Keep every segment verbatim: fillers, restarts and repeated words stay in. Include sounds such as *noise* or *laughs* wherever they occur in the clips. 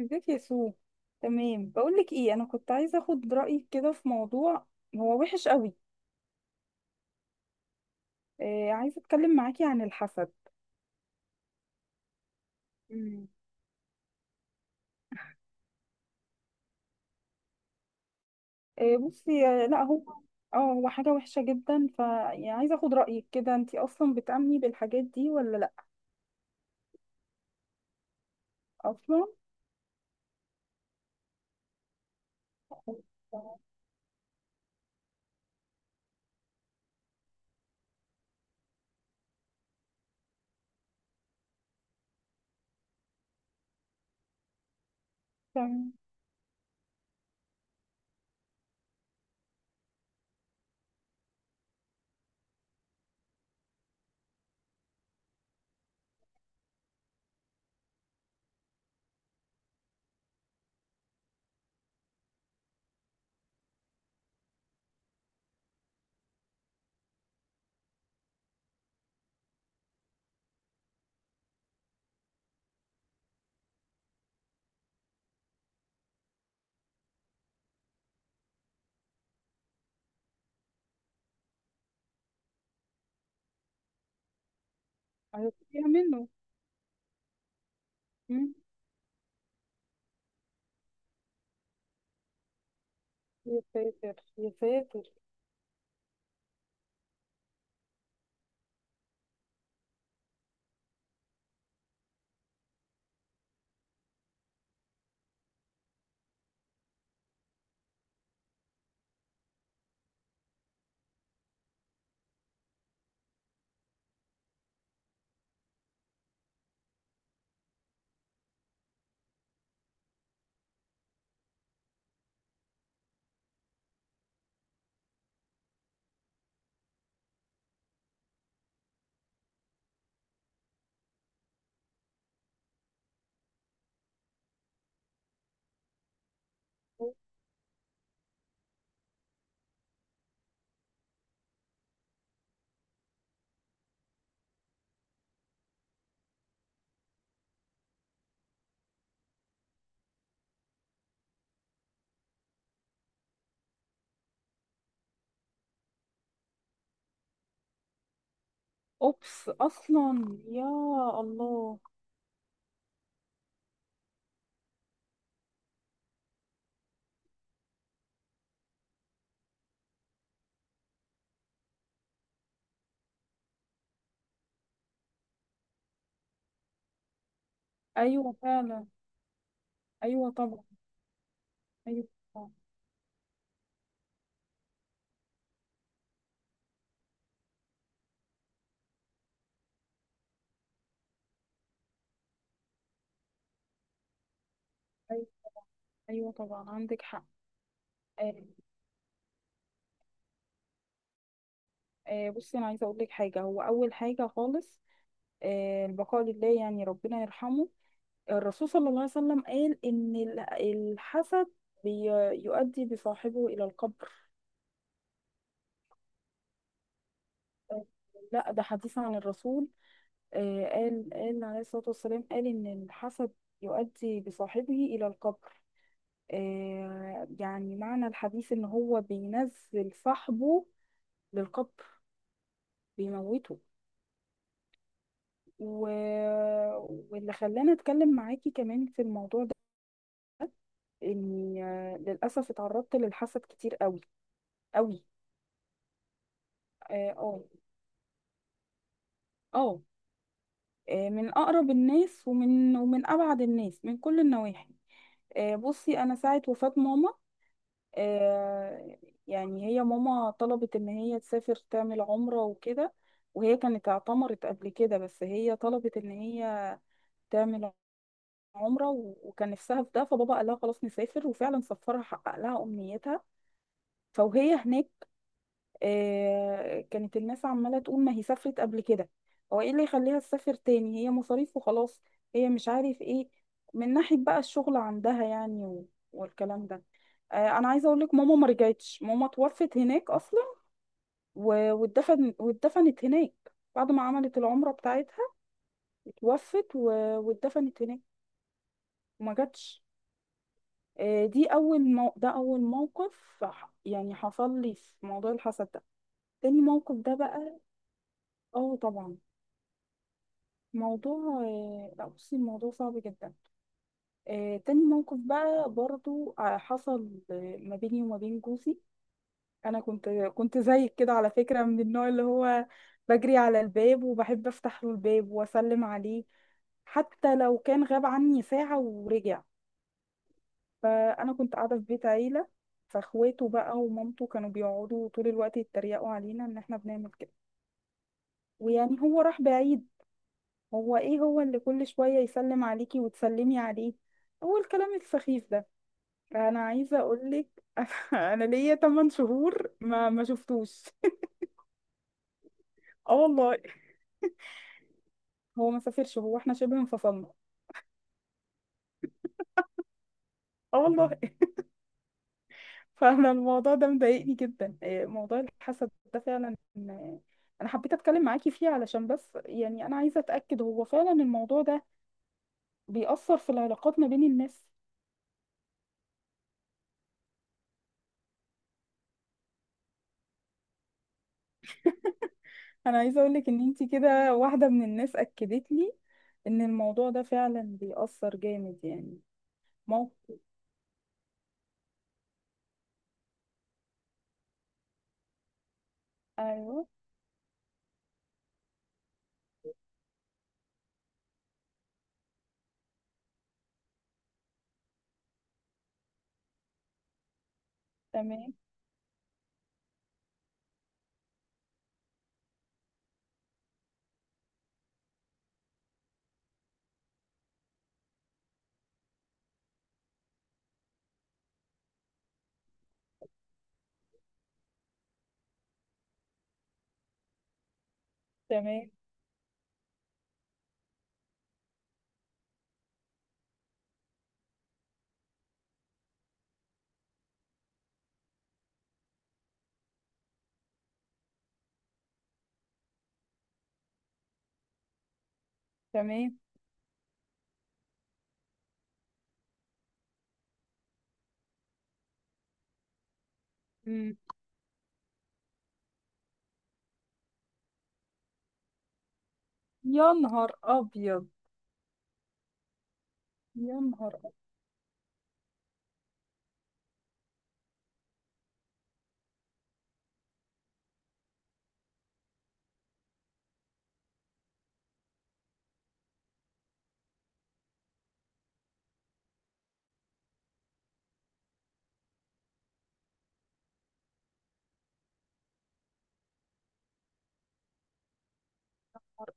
زيت يسوع. تمام، بقول لك ايه، انا كنت عايزه اخد رايك كده في موضوع. هو وحش قوي. آه، عايزه اتكلم معاكي عن الحسد. مم. آه، بصي. آه، لا، هو اه هو حاجه وحشه جدا، ف يعني عايزه اخد رايك كده، انتي اصلا بتامني بالحاجات دي ولا لا؟ اصلا. تمام. عرفتيها منه؟ مم. يا ساتر، يا ساتر. اوبس، اصلا، يا الله. ايوه، فعلا. ايوه، طبعا. ايوه، طبعا. ايوه. أيوة، طبعا عندك حق. آه، آه، بصي، انا عايزه اقول لك حاجه، هو اول حاجه خالص. آه، البقاء لله، يعني ربنا يرحمه. الرسول صلى الله عليه وسلم قال ان ال- الحسد بي- يؤدي بصاحبه الى القبر. آه، لا، ده حديث عن الرسول. آه، قال قال عليه الصلاه والسلام، قال ان الحسد يؤدي بصاحبه الى القبر. آه، يعني معنى الحديث ان هو بينزل صاحبه للقبر، بيموته. و... واللي خلاني اتكلم معاكي كمان في الموضوع ده، اني آه، للاسف اتعرضت للحسد كتير قوي، قوي. اه، اه. آه، آه، من اقرب الناس، ومن ومن ابعد الناس، من كل النواحي. آه، بصي، انا ساعه وفاه ماما. آه، يعني هي ماما طلبت ان هي تسافر تعمل عمره وكده، وهي كانت اعتمرت قبل كده، بس هي طلبت ان هي تعمل عمره، و- وكان نفسها في ده. فبابا قال لها خلاص، نسافر، وفعلا سفرها حقق لها امنيتها. فوهي هناك، آه، كانت الناس عمالة تقول: ما هي سافرت قبل كده، هو ايه اللي يخليها تسافر تاني، هي مصاريف وخلاص، هي مش عارف ايه، من ناحية بقى الشغل عندها، يعني و- والكلام ده. آه، انا عايزة اقول لك، ماما ما رجعتش. ماما توفت هناك اصلا، و- واتدفن واتدفنت هناك بعد ما عملت العمرة بتاعتها. اتوفت و- واتدفنت هناك، وما جاتش. آه، دي اول مو... ده اول موقف، ح- يعني حصل لي في موضوع الحسد ده. تاني موقف ده بقى. اه، طبعا. موضوع آه، لا، بصي، الموضوع صعب جدا. آه، تاني موقف بقى برضو، آه، حصل آه، ما بيني وما بين جوزي. انا كنت كنت زيك كده على فكرة، من النوع اللي هو بجري على الباب وبحب افتح له الباب واسلم عليه، حتى لو كان غاب عني ساعة ورجع. فانا كنت قاعدة في بيت عيلة، فاخواته بقى ومامته كانوا بيقعدوا طول الوقت يتريقوا علينا ان احنا بنعمل كده. ويعني هو راح بعيد، هو ايه هو اللي كل شوية يسلم عليكي وتسلمي عليه، هو الكلام السخيف ده. انا عايزة اقولك، *laughs* انا ليا تمانية شهور ما ما شفتوش. اه، والله. هو ما سافرش، هو احنا شبه انفصلنا. اه، والله. *laughs* فانا الموضوع ده مضايقني جدا، إيه، موضوع الحسد ده فعلا إن- انا حبيت اتكلم معاكي فيه، علشان بس يعني انا عايزة اتأكد، هو فعلا الموضوع ده بيأثر في العلاقات ما بين الناس. انا عايزه اقول لك ان انتي كده واحده من الناس اكدت لي ان الموضوع ده فعلا بيأثر جامد يعني. موقف. ايوه. تمام، تمام، تمام. مم. يا نهار ابيض. يا نهار أبيض.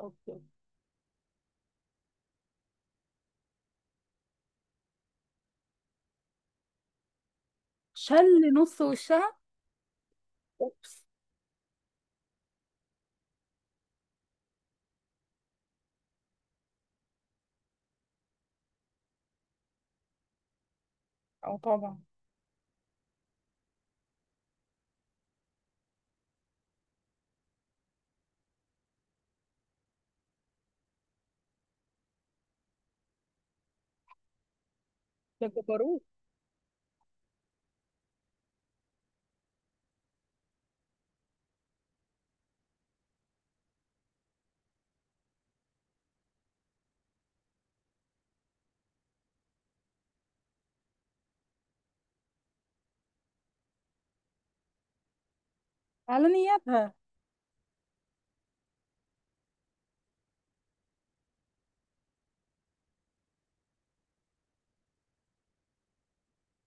ابيض. شل نص وشها. اوبس. او طبعا. ده جبروت. على نيابها.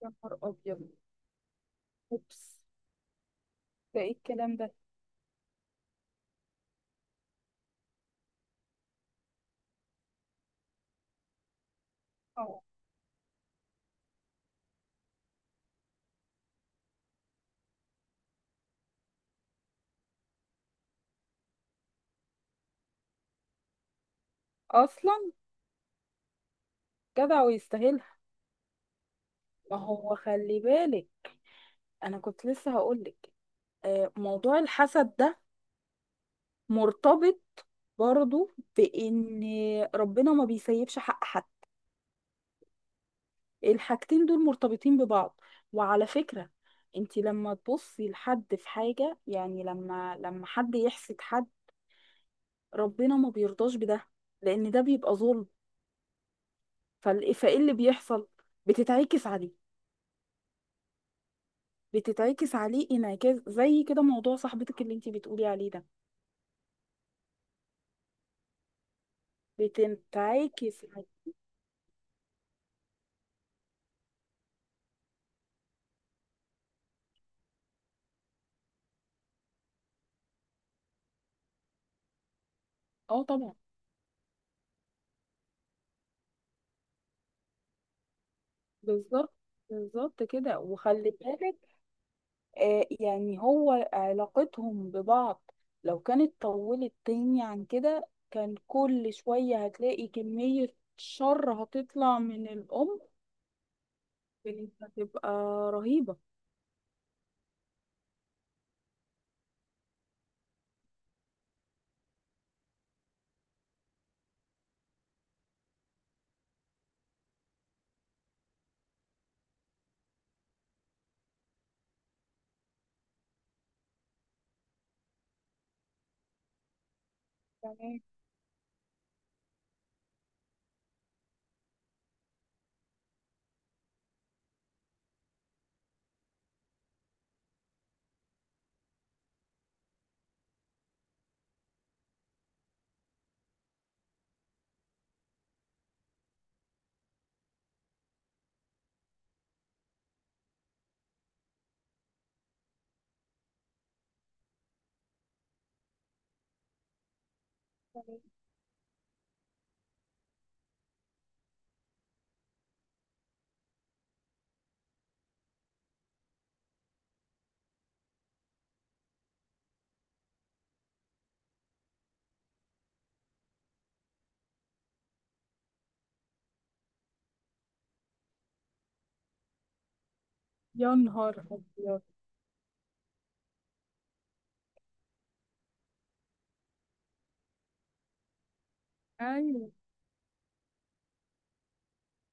يا نهار ابيض. اوبس. ده ايه الكلام ده؟ اه. اصلا. جدع ويستاهلها. ما هو، خلي بالك. انا كنت لسه هقولك. آه، موضوع الحسد ده مرتبط برضو بإن ربنا ما بيسيبش حق حد. الحاجتين دول مرتبطين ببعض. وعلى فكرة، انت لما تبصي لحد في حاجة، يعني لما لما حد يحسد حد، ربنا ما بيرضاش بده، لأن ده بيبقى ظلم. فال- فايه اللي بيحصل؟ بتتعكس عليه. بتتعكس عليه انعكاس، زي كده موضوع صاحبتك اللي انت بتقولي عليه ده. بتنعكس عليه. اه، طبعا. بالظبط. بالظبط كده، وخلي بالك، آه، يعني هو علاقتهم ببعض، لو كانت طولت تاني عن كده، كان كل شوية هتلاقي كمية شر هتطلع من الأم. كانت هتبقى رهيبة. تمام. يا نهار أبيض. أيوة،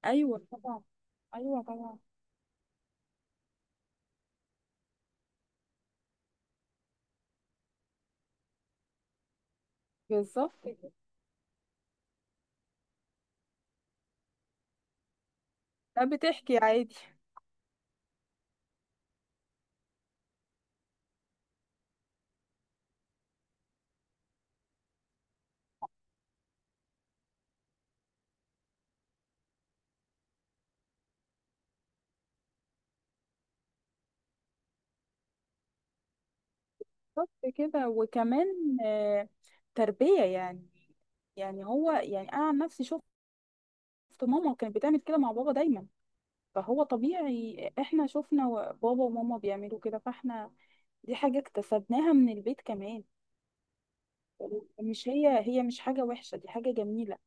أيوة، طبعا. ايوه، طبعا. بالظبط كده. لا، بتحكي عادي. بالظبط كده، وكمان آه، تربية يعني. يعني هو، يعني أنا عن نفسي شفت ماما كانت بتعمل كده مع بابا دايما، فهو طبيعي، احنا شفنا و- بابا وماما بيعملوا كده، فاحنا دي حاجة اكتسبناها من البيت كمان. مش هي هي مش حاجة وحشة، دي حاجة جميلة.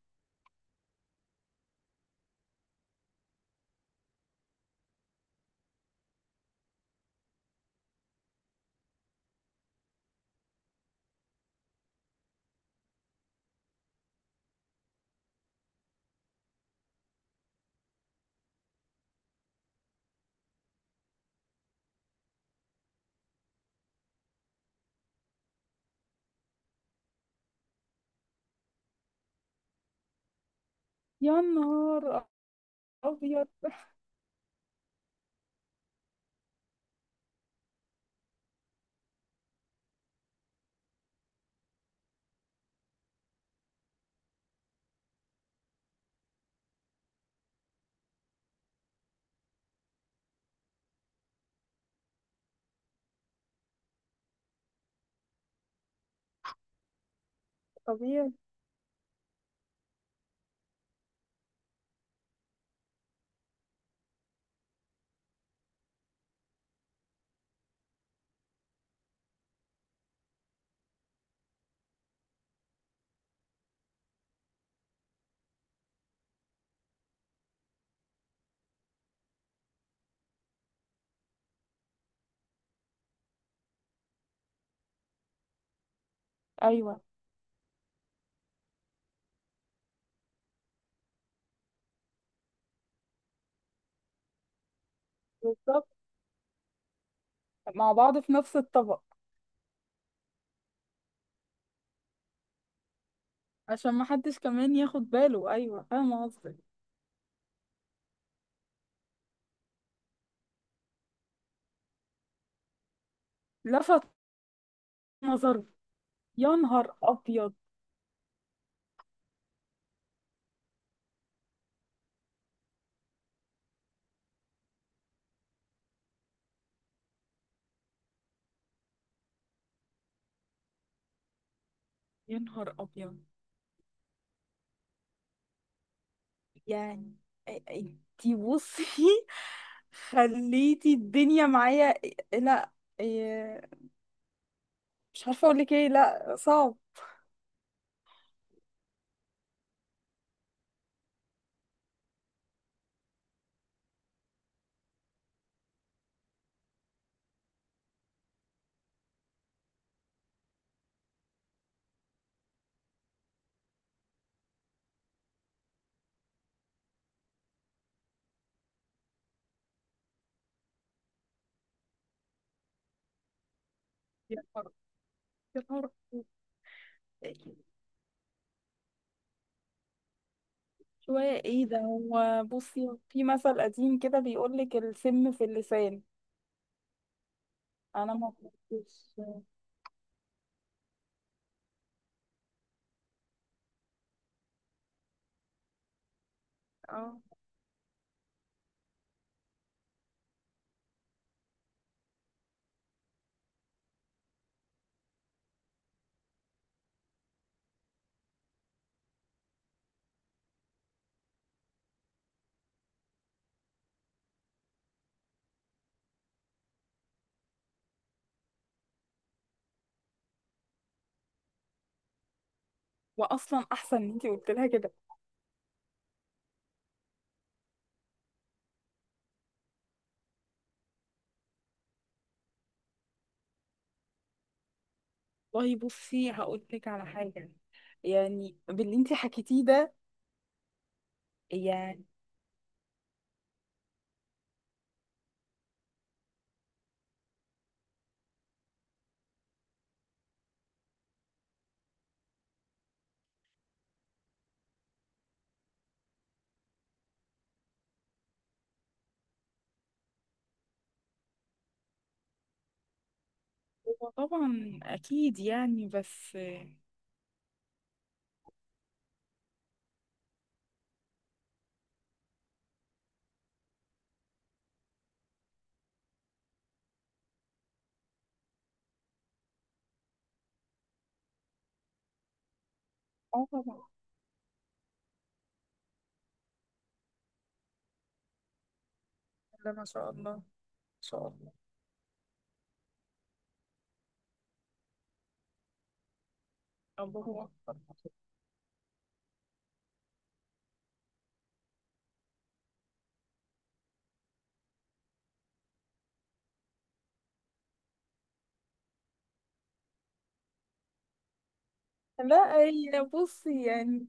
يا نهار أبيض. *laughs* طبيعي. أيوه. بالظبط. مع بعض في نفس الطبق. عشان ما حدش كمان ياخد باله. أيوه، فاهمة قصدك. لفت نظري. يا نهار أبيض. يا نهار أبيض. يعني انتي بصي، *laughs* خليتي الدنيا معايا. لا. مش عارفة اقول لك ايه. لا، صعب. يا نهار، يا نهار. شوية، ايه ده؟ هو بصي، في مثل قديم كده بيقول لك: السم في اللسان. انا ما كنتش. اه. واصلا احسن ان انت قلت لها كده. والله بصي، هقول لك على حاجة. يعني باللي انت حكيتيه ده، يعني هو طبعا اكيد يعني، بس. اه، طبعا. لا، ما شاء الله، ما شاء الله. الله هو أكبر. لا، هي بصي يعني،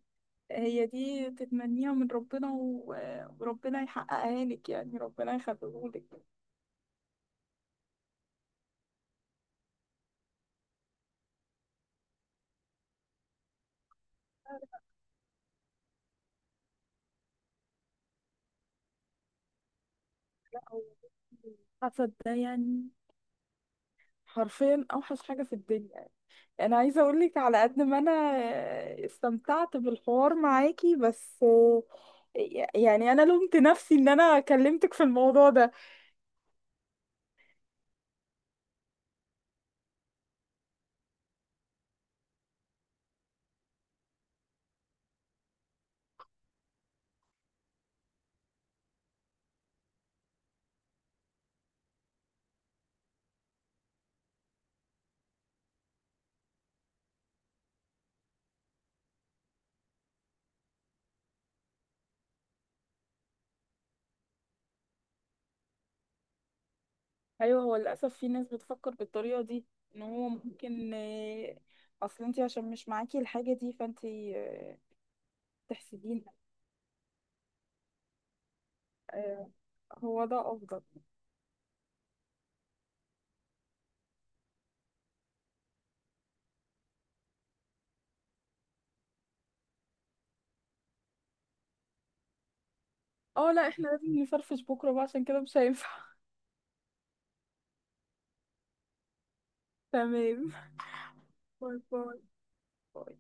هي دي تتمنيها من ربنا و- وربنا يحققها لك، يعني ربنا يخليهولك. لا، هو الحسد ده يعني حرفيا اوحش حاجة في الدنيا. انا عايزة اقول لك، على قد ما انا استمتعت بالحوار معاكي، بس يعني انا لومت نفسي ان انا كلمتك في الموضوع ده. ايوه، هو للاسف في ناس بتفكر بالطريقة دي، ان هو ممكن آه، اصل انت عشان مش معاكي الحاجة دي، فانت آه، تحسدينها. آه، هو ده افضل. اه. لا، احنا لازم نفرفش بكرة بقى، عشان كده مش هينفع. *laughs* تمام. باي، باي. باي.